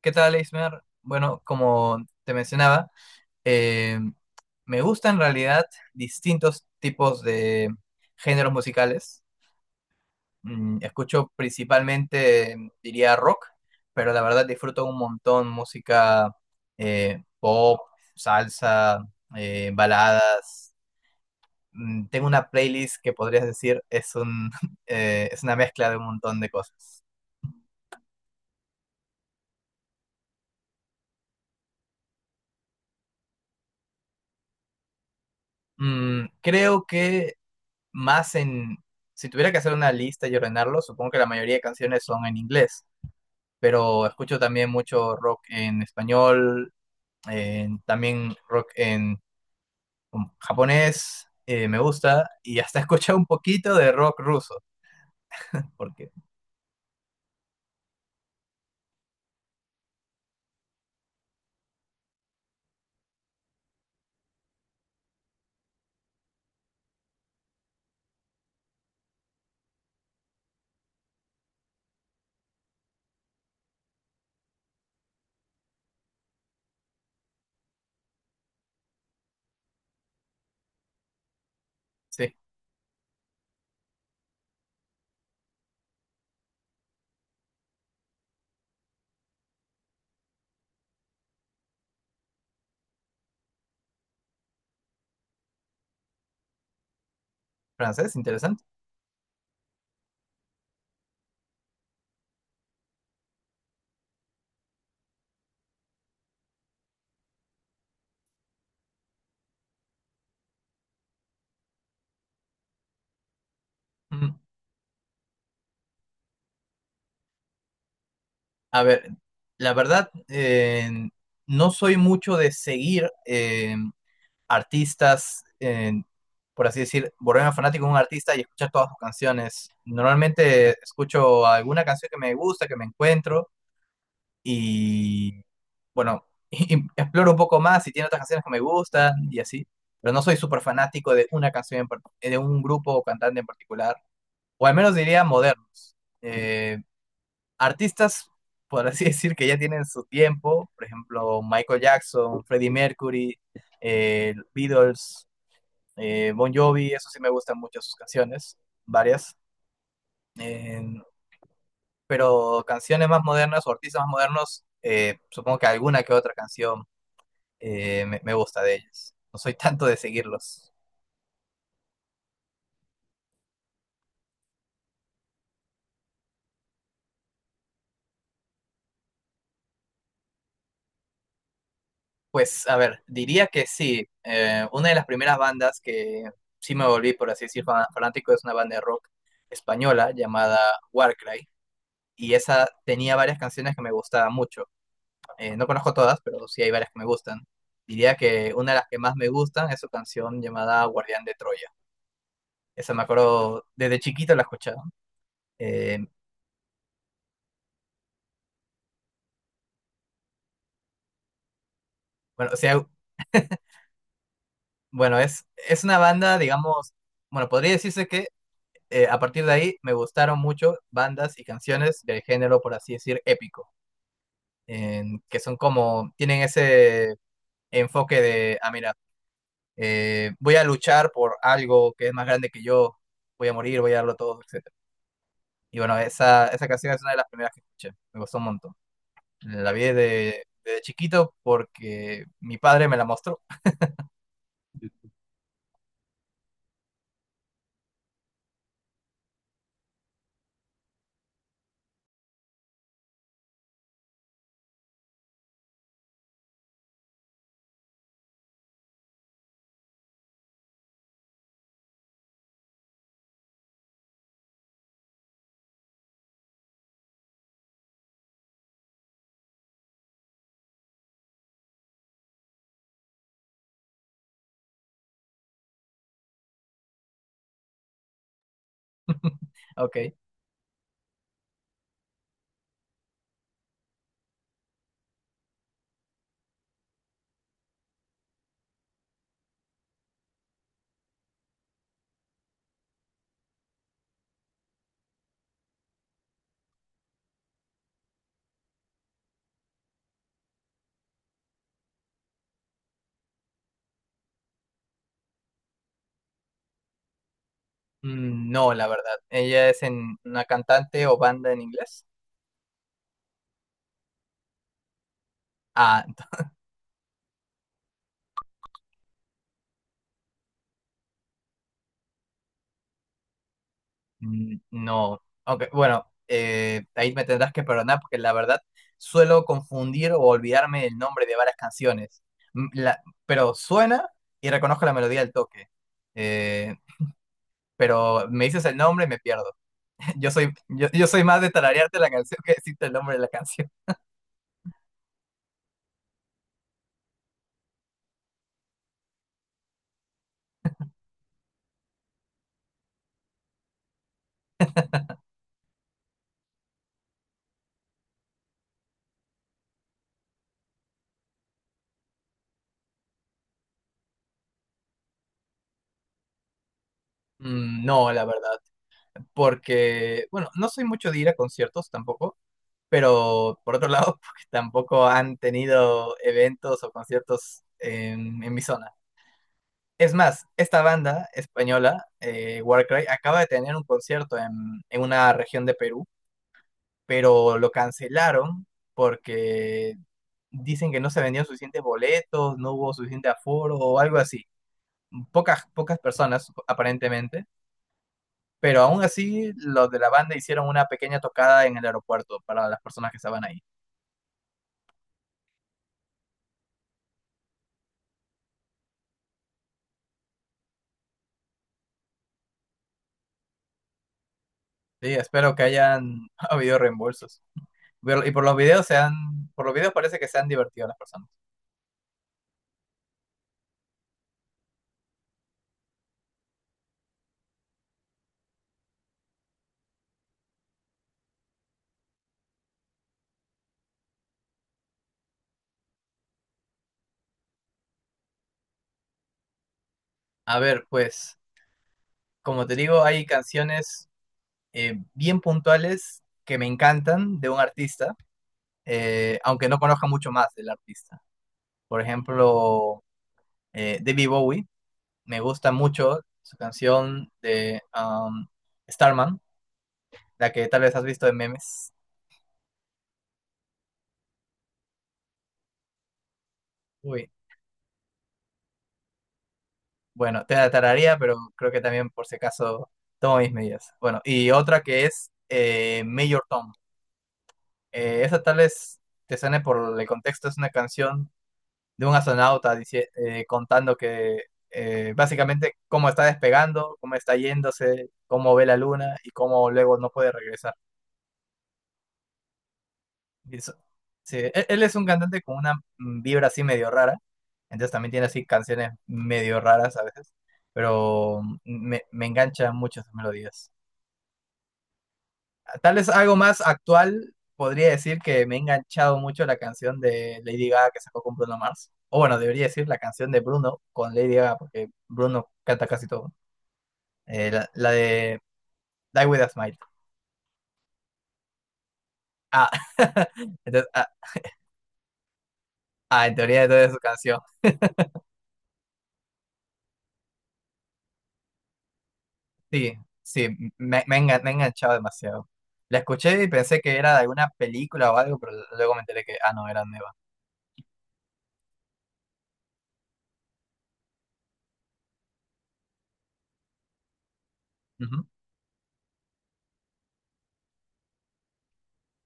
¿Qué tal, Eismer? Bueno, como te mencionaba, eh, me gustan en realidad distintos tipos de géneros musicales. Mm, escucho principalmente, diría, rock, pero la verdad disfruto un montón música pop, salsa, baladas. Mm, tengo una playlist que podrías decir es un, es una mezcla de un montón de cosas. Mm, creo que más en, si tuviera que hacer una lista y ordenarlo, supongo que la mayoría de canciones son en inglés, pero escucho también mucho rock en español, en- también rock en japonés, me gusta, y hasta he escuchado un poquito de rock ruso, porque sí, francés, interesante. Mm. A ver, la verdad, no soy mucho de seguir. Artistas, por así decir, volverme fanático de un artista y escuchar todas sus canciones. Normalmente escucho alguna canción que me gusta, que me encuentro y, bueno, y exploro un poco más si tiene otras canciones que me gustan y así. Pero no soy súper fanático de una canción, en par- de un grupo o cantante en particular, o al menos diría modernos. Eh, artistas, por así decir, que ya tienen su tiempo, por ejemplo, Michael Jackson, Freddie Mercury, Beatles, Bon Jovi, eso sí me gustan mucho sus canciones, varias. Eh, pero canciones más modernas o artistas más modernos, supongo que alguna que otra canción me gusta de ellos. No soy tanto de seguirlos. Pues a ver, diría que sí. Una de las primeras bandas que sí me volví, por así decir, fanático es una banda de rock española llamada Warcry. Y esa tenía varias canciones que me gustaban mucho. No conozco todas, pero sí hay varias que me gustan. Diría que una de las que más me gustan es su canción llamada Guardián de Troya. Esa me acuerdo, desde chiquito la escuchaba. Eh, bueno, o sea, bueno, es una banda, digamos, bueno, podría decirse que a partir de ahí me gustaron mucho bandas y canciones del género, por así decir, épico, en- que son como, tienen ese enfoque de, ah, mira, voy a luchar por algo que es más grande que yo, voy a morir, voy a darlo todo, etc. Y bueno, esa canción es una de las primeras que escuché. Me gustó un montón. La vi de chiquito porque mi padre me la mostró. Ok. Mm, no, la verdad. ¿Ella es en una cantante o banda en inglés? Ah, ent- mm, no. Aunque, bueno, ahí me tendrás que perdonar porque la verdad suelo confundir o olvidarme el nombre de varias canciones. Mm, la- pero suena y reconozco la melodía al toque. Eh, pero me dices el nombre y me pierdo. Yo soy más de tararearte la canción que decirte el nombre de la canción. Mm, no, la verdad, porque, bueno, no soy mucho de ir a conciertos tampoco, pero por otro lado, porque tampoco han tenido eventos o conciertos en mi zona. Es más, esta banda española, Warcry, acaba de tener un concierto en una región de Perú, pero lo cancelaron porque dicen que no se vendían suficientes boletos, no hubo suficiente aforo o algo así. Pocas, pocas personas aparentemente, pero aún así los de la banda hicieron una pequeña tocada en el aeropuerto para las personas que estaban ahí. Sí, espero que hayan habido reembolsos. Pero- y por los videos se han, por los videos parece que se han divertido las personas. A ver, pues, como te digo, hay canciones bien puntuales que me encantan de un artista, aunque no conozca mucho más del artista. Por ejemplo, David Bowie, me gusta mucho su canción de Starman, la que tal vez has visto en memes. Uy, bueno, te la tararía, pero creo que también por si acaso tomo mis medidas. Bueno, y otra que es Major Tom. Esa tal vez te suene por el contexto, es una canción de un astronauta dice, contando que básicamente cómo está despegando, cómo está yéndose, cómo ve la luna y cómo luego no puede regresar. Y eso- sí, él es un cantante con una mm, vibra así medio rara, entonces también tiene así canciones medio raras a veces, pero mm, me engancha mucho sus melodías. Tal vez algo más actual, podría decir que me ha enganchado mucho la canción de Lady Gaga que sacó con Bruno Mars, o bueno, debería decir la canción de Bruno con Lady Gaga, porque Bruno canta casi todo. La de Die With A Smile. Ah, entonces, ah, ah, en teoría entonces es su canción. Sí, sí, me he enganchado demasiado. La escuché y pensé que era de alguna película o algo, pero luego me enteré que, ah, no, era nueva. Ujú.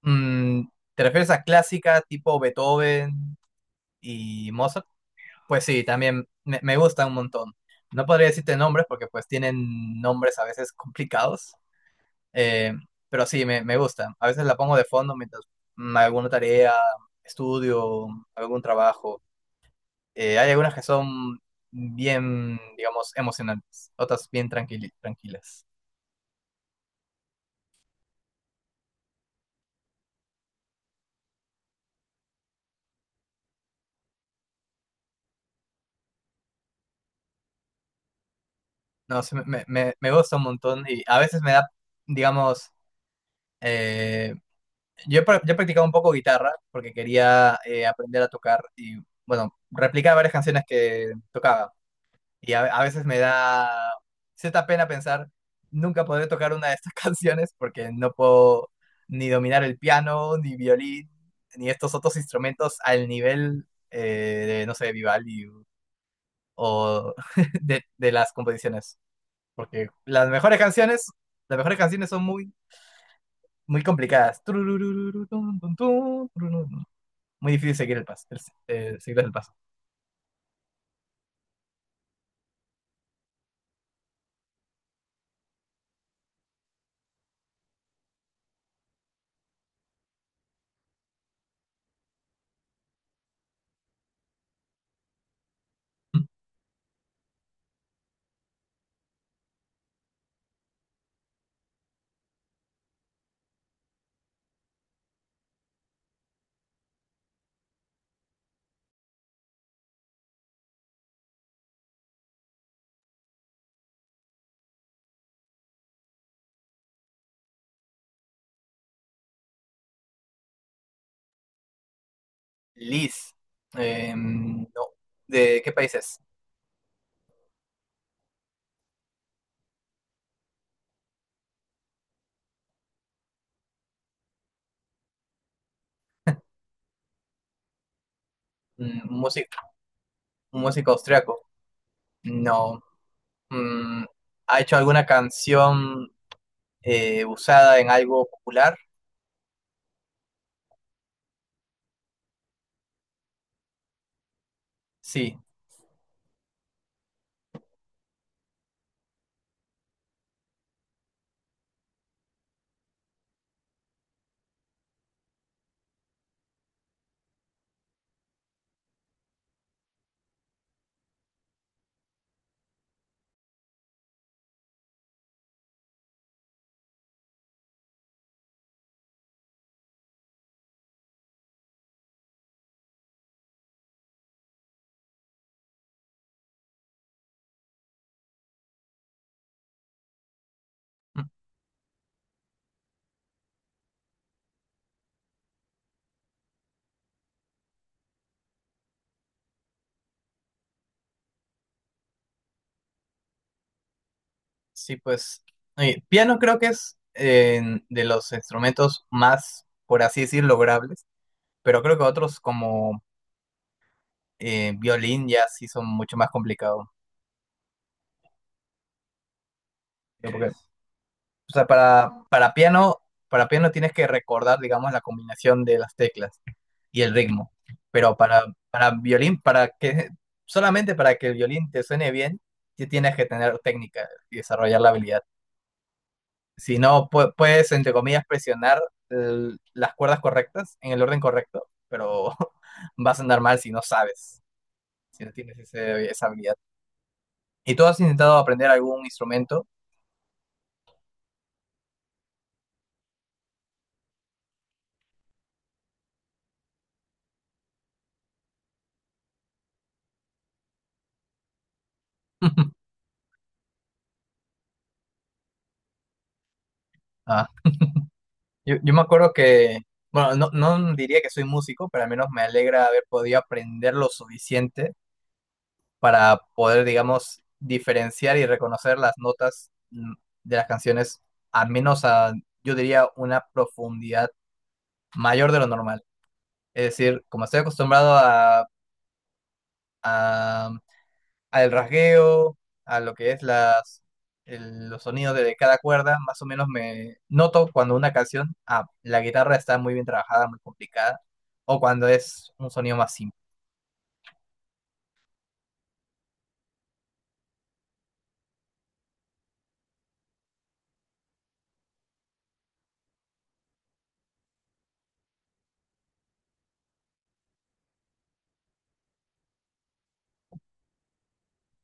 Mm, ¿te refieres a clásica tipo Beethoven y Mozart? Pues sí, también me gusta un montón. No podría decirte nombres porque pues tienen nombres a veces complicados, eh, pero sí, me gusta. A veces la pongo de fondo mientras mm, alguna tarea, estudio, algún trabajo. Hay algunas que son bien, digamos, emocionantes, otras bien tranquilas. No, sí, me gusta un montón y a veces me da, digamos, eh, yo he practicado un poco guitarra porque quería aprender a tocar y, bueno, replicar varias canciones que tocaba. Y a veces me da cierta pena pensar, nunca podré tocar una de estas canciones porque no puedo ni dominar el piano, ni violín, ni estos otros instrumentos al nivel de, no sé, Vivaldi o de las composiciones. Porque las mejores canciones son muy, muy complicadas. Tururururutun, tun, tun, turururun. Muy difícil seguir el paso, el- seguirles el paso. Liz, no, ¿de qué países? Música, un músico austriaco. No. Mm, ¿ha hecho alguna canción usada en algo popular? Sí. Mm, sí, pues. Piano creo que es de los instrumentos más, por así decir, logrables. Pero creo que otros como violín ya sí son mucho más complicados. O sea, para piano tienes que recordar, digamos, la combinación de las teclas y el ritmo. Pero para violín, para que solamente para que el violín te suene bien, sí tienes que tener técnica y desarrollar la habilidad. Si no, pu- puedes, entre comillas, presionar el- las cuerdas correctas en el orden correcto, pero vas a andar mal si no sabes, si no tienes esa habilidad. ¿Y tú has intentado aprender algún instrumento? Ah. Yo me acuerdo que, bueno, no, no diría que soy músico, pero al menos me alegra haber podido aprender lo suficiente para poder, digamos, diferenciar y reconocer las notas mm, de las canciones, al menos a, yo diría, una profundidad mayor de lo normal. Es decir, como estoy acostumbrado a al rasgueo, a lo que es las, el- los sonidos de cada cuerda, más o menos me noto cuando una canción, ah, la guitarra está muy bien trabajada, muy complicada, o cuando es un sonido más simple.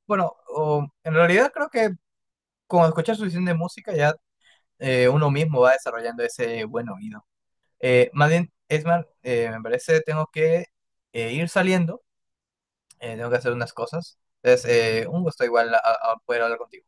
Bueno, o- en realidad creo que con escuchar suficiente música ya uno mismo va desarrollando ese buen oído. Más bien, Esmar, me parece tengo que ir saliendo, tengo que hacer unas cosas. Entonces, un gusto igual poder hablar contigo.